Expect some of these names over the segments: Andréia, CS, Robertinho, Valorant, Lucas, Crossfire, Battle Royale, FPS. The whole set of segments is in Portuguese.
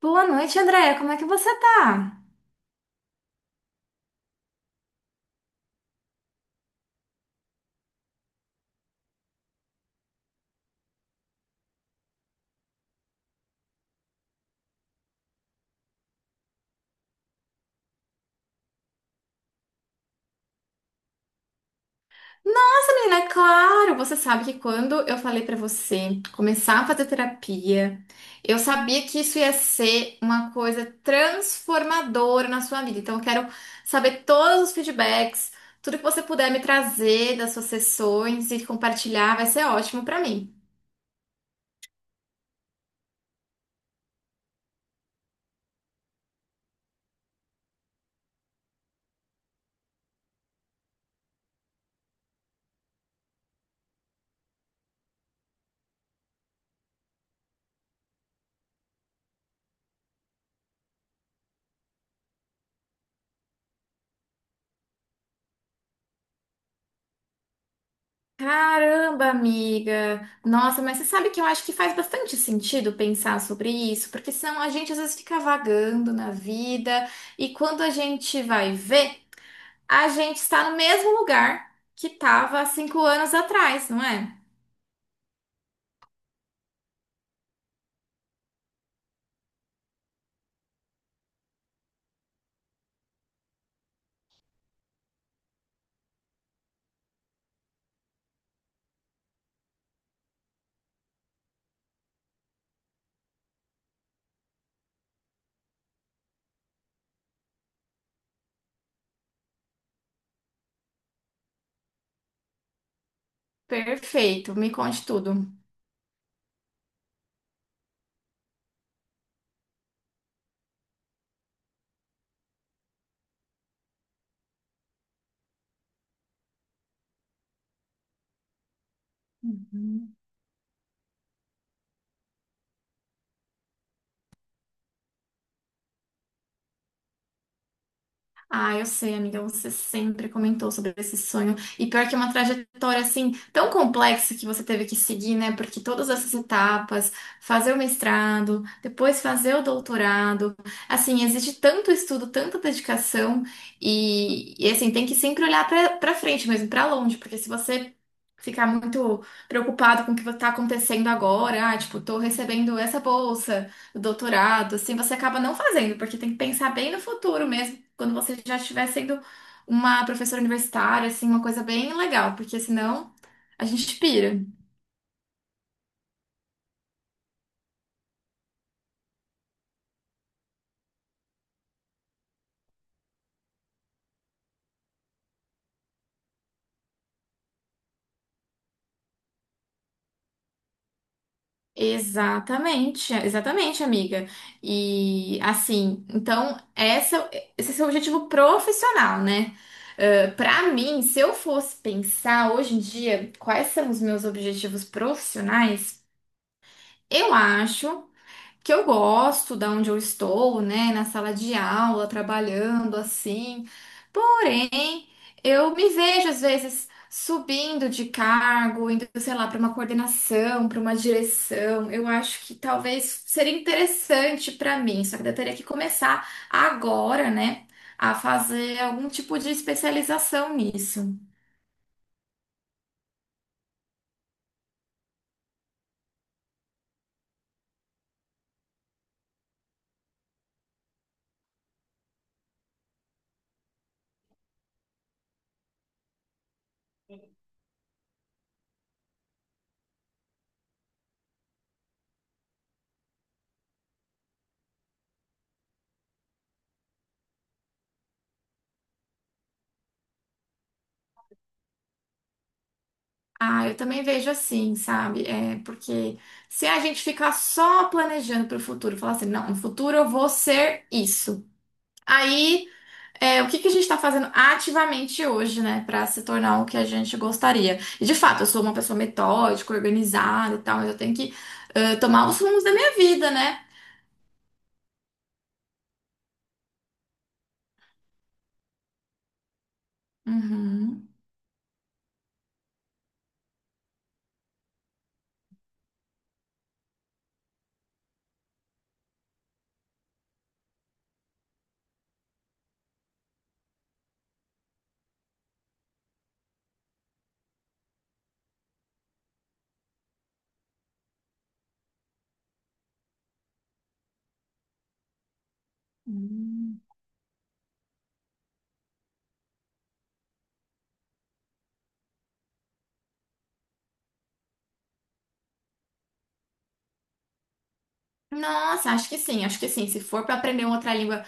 Boa noite, Andréia. Como é que você tá? Nossa, menina, é claro, você sabe que quando eu falei pra você começar a fazer terapia, eu sabia que isso ia ser uma coisa transformadora na sua vida. Então, eu quero saber todos os feedbacks, tudo que você puder me trazer das suas sessões e compartilhar, vai ser ótimo pra mim. Caramba, amiga! Nossa, mas você sabe que eu acho que faz bastante sentido pensar sobre isso, porque senão a gente às vezes fica vagando na vida e quando a gente vai ver, a gente está no mesmo lugar que estava há 5 anos atrás, não é? Perfeito, me conte tudo. Ah, eu sei, amiga, você sempre comentou sobre esse sonho. E pior que é uma trajetória assim tão complexa que você teve que seguir, né? Porque todas essas etapas, fazer o mestrado, depois fazer o doutorado, assim, exige tanto estudo, tanta dedicação assim, tem que sempre olhar pra para frente mesmo, pra longe, porque se você ficar muito preocupado com o que tá acontecendo agora, ah, tipo, tô recebendo essa bolsa doutorado, assim, você acaba não fazendo, porque tem que pensar bem no futuro mesmo, quando você já estiver sendo uma professora universitária, assim, uma coisa bem legal, porque senão a gente pira. Exatamente, exatamente, amiga. E assim, então essa, esse é o seu objetivo profissional, né? Para pra mim, se eu fosse pensar hoje em dia quais são os meus objetivos profissionais, eu acho. Que eu gosto da onde eu estou, né, na sala de aula, trabalhando assim. Porém, eu me vejo às vezes subindo de cargo, indo, sei lá, para uma coordenação, para uma direção. Eu acho que talvez seria interessante para mim, só que eu teria que começar agora, né, a fazer algum tipo de especialização nisso. Ah, eu também vejo assim, sabe? É porque se a gente ficar só planejando para o futuro, falar assim, não, no futuro eu vou ser isso. Aí, é, o que que a gente está fazendo ativamente hoje, né, para se tornar o que a gente gostaria? E de fato, eu sou uma pessoa metódica, organizada e tal, mas eu tenho que tomar os rumos da minha vida, né? Uhum. Hum. Nossa, acho que sim, acho que sim. Se for para aprender uma outra língua.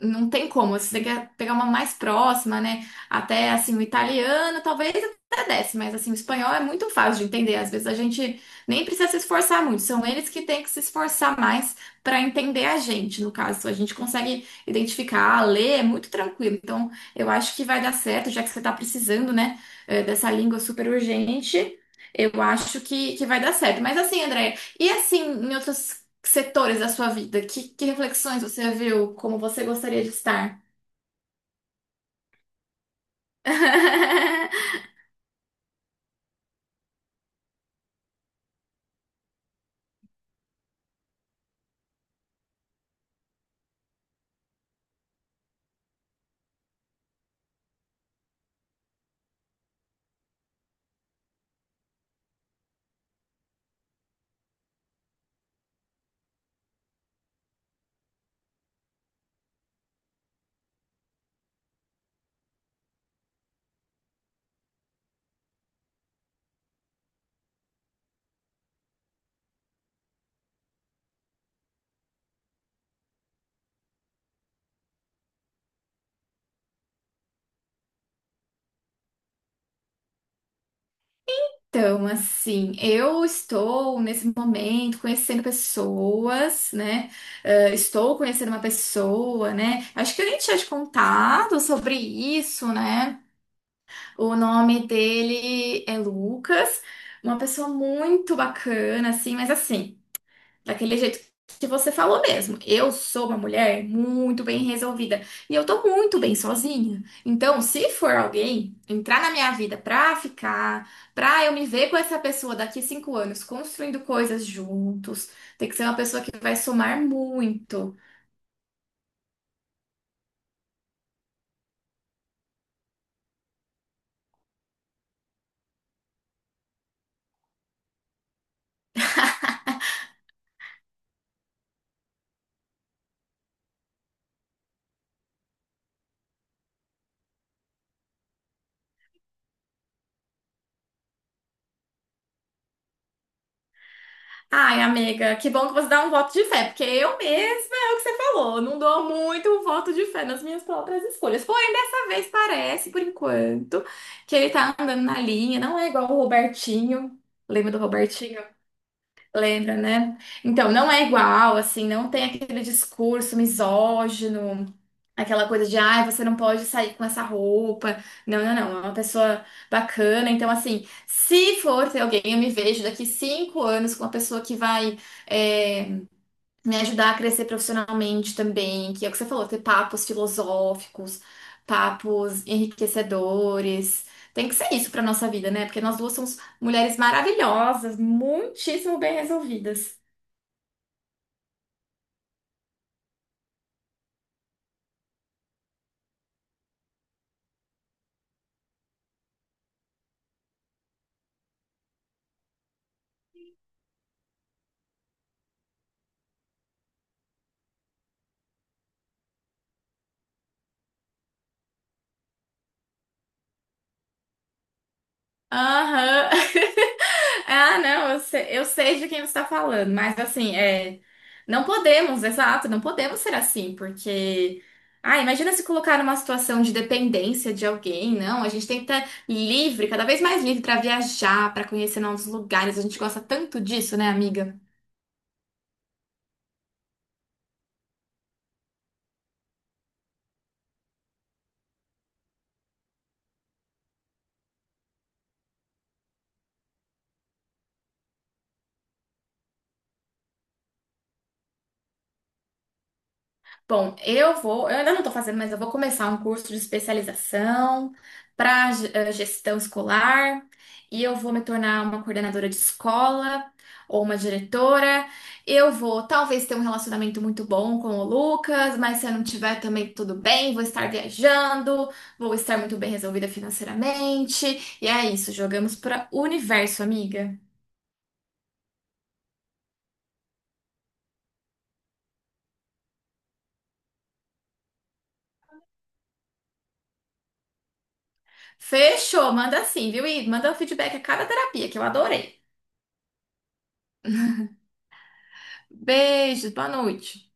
Não tem como, se você quer pegar uma mais próxima, né? Até assim, o italiano talvez até desce, mas assim, o espanhol é muito fácil de entender. Às vezes a gente nem precisa se esforçar muito, são eles que têm que se esforçar mais para entender a gente. No caso, a gente consegue identificar, ler, é muito tranquilo. Então, eu acho que vai dar certo, já que você está precisando, né, dessa língua super urgente. Eu acho que vai dar certo. Mas assim, Andréia, e assim, em outros que setores da sua vida? Que reflexões você viu? Como você gostaria de estar? Então, assim, eu estou nesse momento conhecendo pessoas, né? Estou conhecendo uma pessoa, né? Acho que eu nem tinha te contado sobre isso, né? O nome dele é Lucas, uma pessoa muito bacana, assim, mas assim. Daquele jeito que você falou mesmo. Eu sou uma mulher muito bem resolvida e eu tô muito bem sozinha. Então, se for alguém entrar na minha vida pra ficar, pra eu me ver com essa pessoa daqui 5 anos construindo coisas juntos, tem que ser uma pessoa que vai somar muito. Ai, amiga, que bom que você dá um voto de fé, porque eu mesma é o que você falou, não dou muito um voto de fé nas minhas próprias escolhas. Porém, dessa vez parece, por enquanto, que ele tá andando na linha, não é igual o Robertinho. Lembra do Robertinho? Lembra, né? Então, não é igual, assim, não tem aquele discurso misógino, aquela coisa de, ai, você não pode sair com essa roupa. Não, não, não, é uma pessoa bacana. Então, assim, se for ter alguém, eu me vejo daqui 5 anos com uma pessoa que vai, eh, me ajudar a crescer profissionalmente também, que é o que você falou, ter papos filosóficos, papos enriquecedores. Tem que ser isso para nossa vida, né? Porque nós duas somos mulheres maravilhosas, muitíssimo bem resolvidas. Aham. Ah, não, eu sei de quem você está falando, mas assim, é, não podemos, exato, não podemos ser assim, porque, ah, imagina se colocar numa situação de dependência de alguém, não, a gente tem que estar livre, cada vez mais livre para viajar, para conhecer novos lugares, a gente gosta tanto disso, né, amiga? Bom, eu vou, eu ainda não estou fazendo, mas eu vou começar um curso de especialização para gestão escolar e eu vou me tornar uma coordenadora de escola ou uma diretora. Eu vou talvez ter um relacionamento muito bom com o Lucas, mas se eu não tiver também tudo bem, vou estar viajando, vou estar muito bem resolvida financeiramente. E é isso, jogamos para o universo, amiga. Fechou, manda sim, viu? E manda um feedback a cada terapia, que eu adorei. Beijos, boa noite.